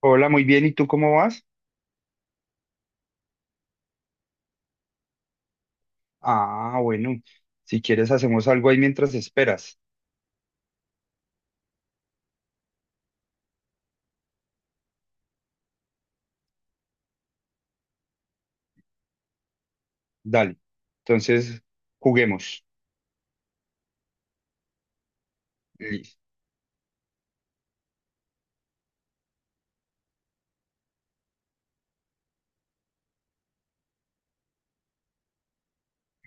Hola, muy bien. ¿Y tú cómo vas? Ah, bueno. Si quieres, hacemos algo ahí mientras esperas. Dale. Entonces, juguemos. Listo.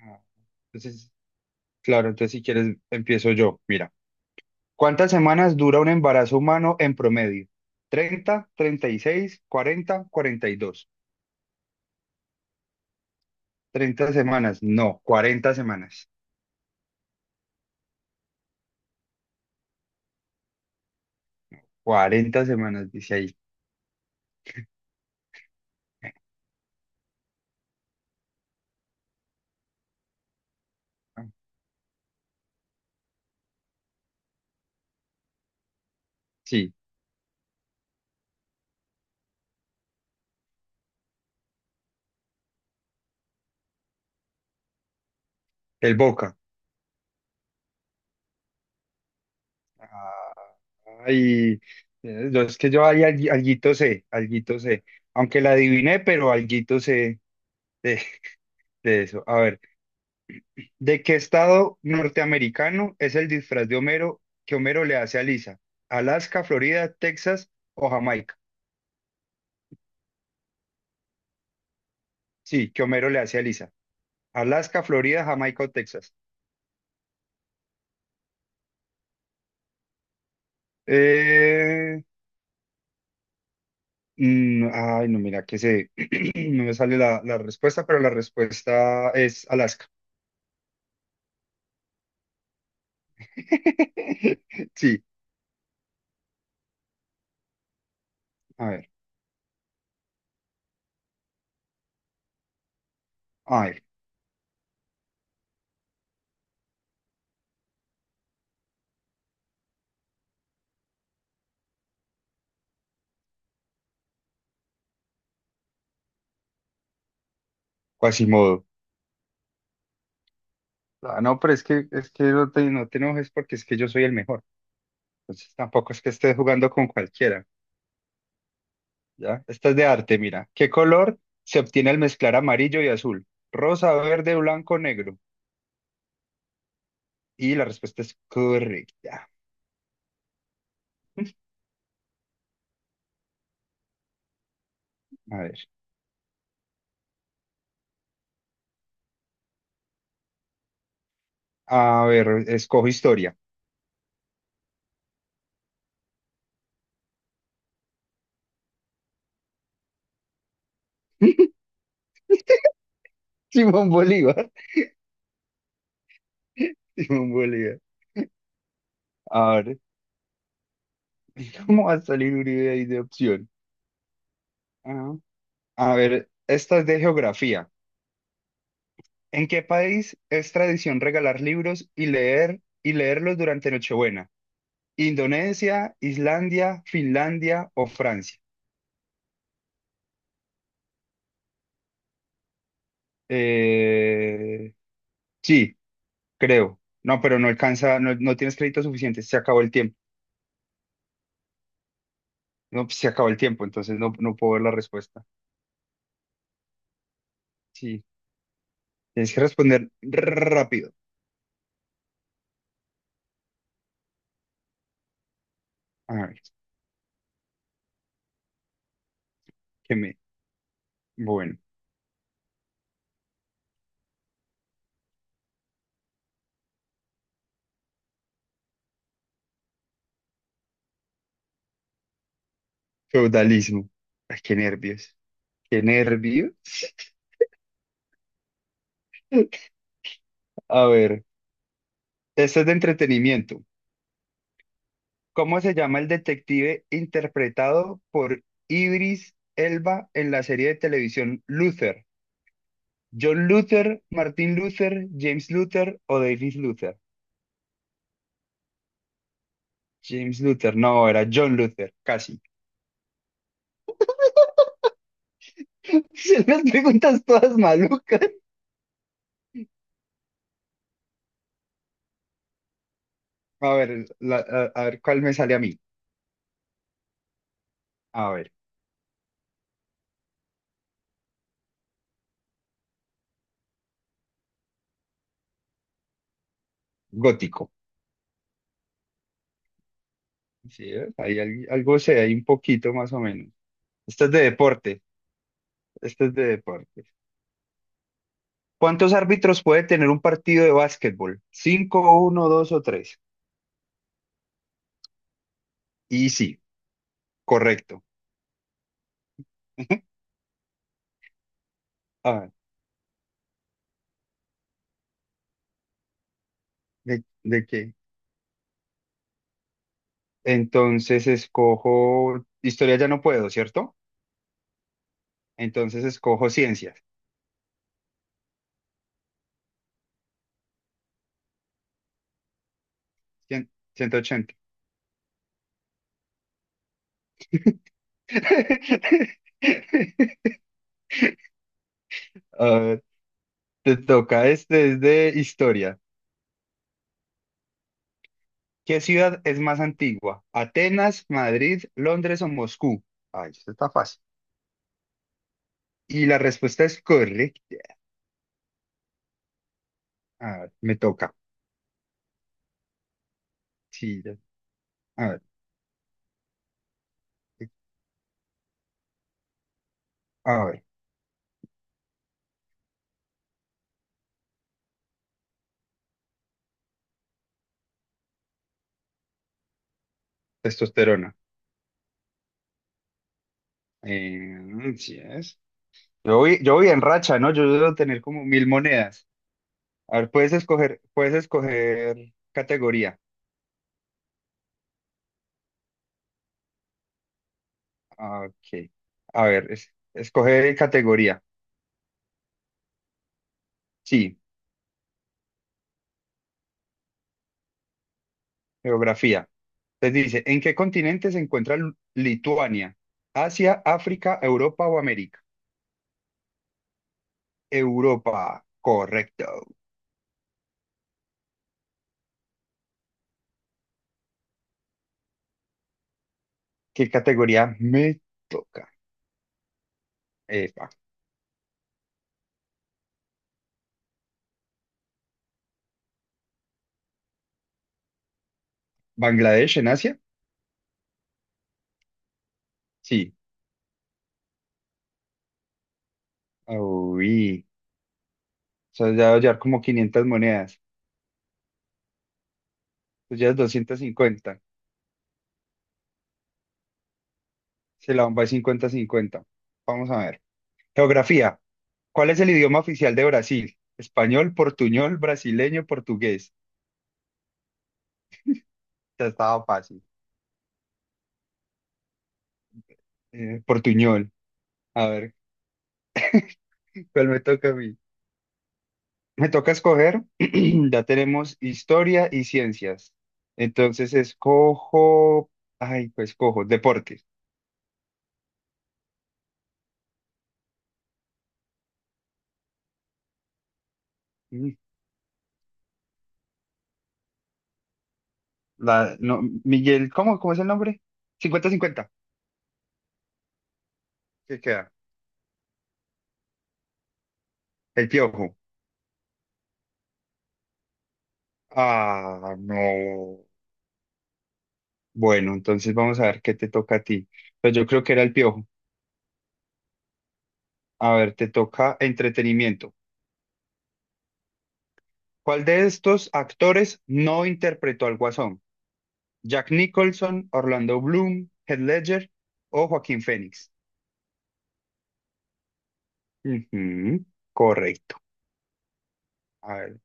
Ah, entonces, claro, entonces si quieres, empiezo yo. Mira, ¿cuántas semanas dura un embarazo humano en promedio? 30, 36, 40, 42 30 semanas. No, 40 semanas. 40 semanas, dice ahí. Ah, sí, el Boca. Ah. Ay, es que yo ahí alguito sé, alguito sé. Aunque la adiviné, pero alguito sé de, de eso. A ver, ¿de qué estado norteamericano es el disfraz de Homero que Homero le hace a Lisa? ¿Alaska, Florida, Texas o Jamaica? Sí, que Homero le hace a Lisa. ¿Alaska, Florida, Jamaica o Texas? Eh, ay, no, mira, que se no me sale la respuesta, pero la respuesta es Alaska. Sí, a ver. A ver. Quasimodo. Ah, no, pero es que no te enojes porque es que yo soy el mejor. Entonces tampoco es que estés jugando con cualquiera, ¿ya? Esta es de arte, mira. ¿Qué color se obtiene al mezclar amarillo y azul? Rosa, verde, blanco, negro. Y la respuesta es correcta. A ver, a ver, escojo historia. Simón Bolívar, Simón Bolívar. A ver, ¿cómo va a salir Uribe ahí de opción? Ah, a ver, esta es de geografía. ¿En qué país es tradición regalar libros y leer y leerlos durante Nochebuena? ¿Indonesia, Islandia, Finlandia o Francia? Eh, sí, creo. No, pero no alcanza, no, no tienes crédito suficiente. Se acabó el tiempo. No, pues, se acabó el tiempo, entonces no, no puedo ver la respuesta. Sí, tienes que responder rápido. A ver, que me. Bueno, feudalismo. Ay, qué nervios. Qué nervios. A ver, esto es de entretenimiento. ¿Cómo se llama el detective interpretado por Idris Elba en la serie de televisión Luther? ¿John Luther, Martin Luther, James Luther o David Luther? James Luther, no, era John Luther, casi. ¿Se las preguntas todas malucas. A ver, a ver cuál me sale a mí. A ver, gótico. Sí, ¿ves? Algo se hay un poquito más o menos. Esto es de deporte. Esto es de deporte. ¿Cuántos árbitros puede tener un partido de básquetbol? ¿Cinco, uno, dos o tres? Y sí, correcto. A ver, ¿de qué? Entonces escojo, historia ya no puedo, ¿cierto? Entonces escojo ciencias. Cien- 180. A ver, te toca, este es de historia. ¿Qué ciudad es más antigua? ¿Atenas, Madrid, Londres o Moscú? Ay, esto está fácil. Y la respuesta es correcta. A ver, me toca. Sí, ya. A ver. A ver, testosterona. Sí es. Yo voy en racha, ¿no? Yo debo tener como 1.000 monedas. A ver, puedes escoger categoría. Ah, ok. A ver, escoger categoría. Sí, geografía. Les dice, ¿en qué continente se encuentra Lituania? ¿Asia, África, Europa o América? Europa, correcto. ¿Qué categoría me toca? Epa. ¿Bangladesh en Asia? Sí. Uy. O sea, ya debe llevar como 500 monedas. Tú llevas 250. Se la bomba es 50-50. Vamos a ver. Geografía. ¿Cuál es el idioma oficial de Brasil? Español, portuñol, brasileño, portugués. Ya estaba fácil. Portuñol. A ver, ¿cuál me toca a mí? Me toca escoger. Ya tenemos historia y ciencias. Entonces escojo. Ay, pues escojo. Deportes. Mm, La, no, Miguel, ¿cómo, cómo es el nombre? 50-50. ¿Qué queda? El piojo. Ah, no. Bueno, entonces vamos a ver qué te toca a ti. Pues yo creo que era el piojo. A ver, te toca entretenimiento. ¿Cuál de estos actores no interpretó al Guasón? ¿Jack Nicholson, Orlando Bloom, Heath Ledger o Joaquín Phoenix? Ujú, correcto. A ver,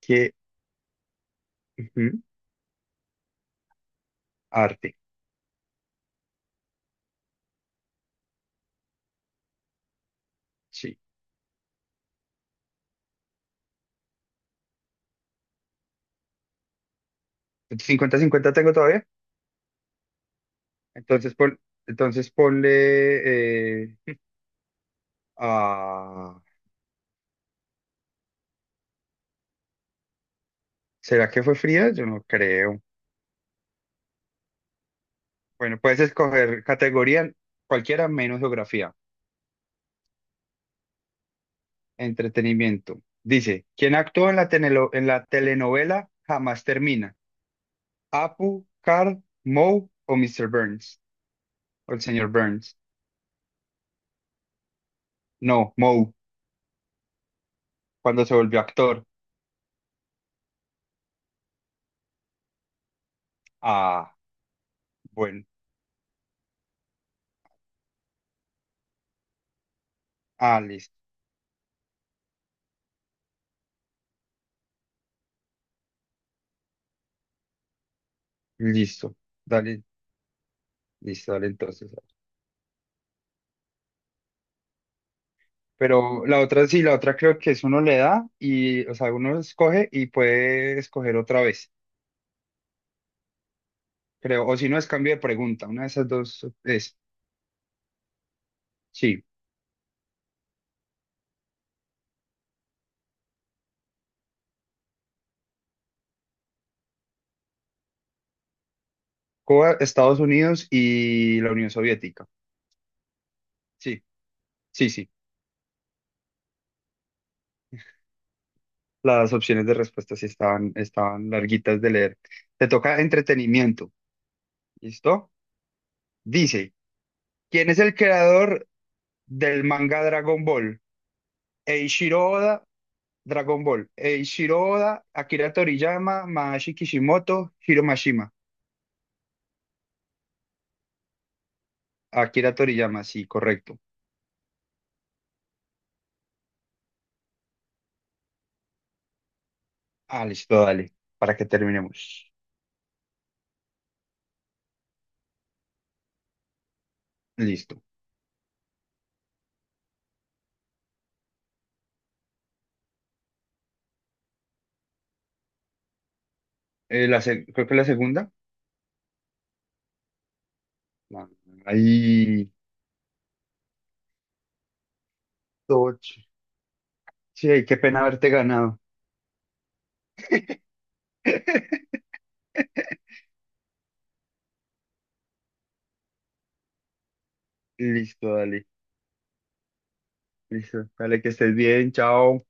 ¿qué? Ujú, arte. Sí. 50-50 tengo todavía. Entonces, pon- entonces ponle... ah, ¿será que fue fría? Yo no creo. Bueno, puedes escoger categoría cualquiera menos geografía. Entretenimiento. Dice, ¿quién actuó en la, en la telenovela Jamás Termina? ¿Apu, Carl, Moe o Mr. Burns? O el señor Burns. No, Moe, cuando se volvió actor. Ah, bueno. Ah, listo. Listo. Dale, listo, dale entonces. Pero la otra sí, la otra creo que es uno le da y, o sea, uno escoge y puede escoger otra vez. Creo, o si no es cambio de pregunta, una de esas dos es. Sí, Cuba, Estados Unidos y la Unión Soviética. Sí, sí, sí. Las opciones de respuesta sí estaban, estaban larguitas de leer. Te toca entretenimiento. ¿Listo? Dice, ¿quién es el creador del manga Dragon Ball? Eiichiro Oda, Dragon Ball. Eiichiro Oda, Akira Toriyama, Masashi Kishimoto, Hiro Mashima. Akira Toriyama, sí, correcto. Ah, listo, dale, para que terminemos. Listo. La creo que la segunda. No, ahí, toch. Sí, qué pena haberte ganado. Listo, dale. Listo. Dale, que estés bien. Chao.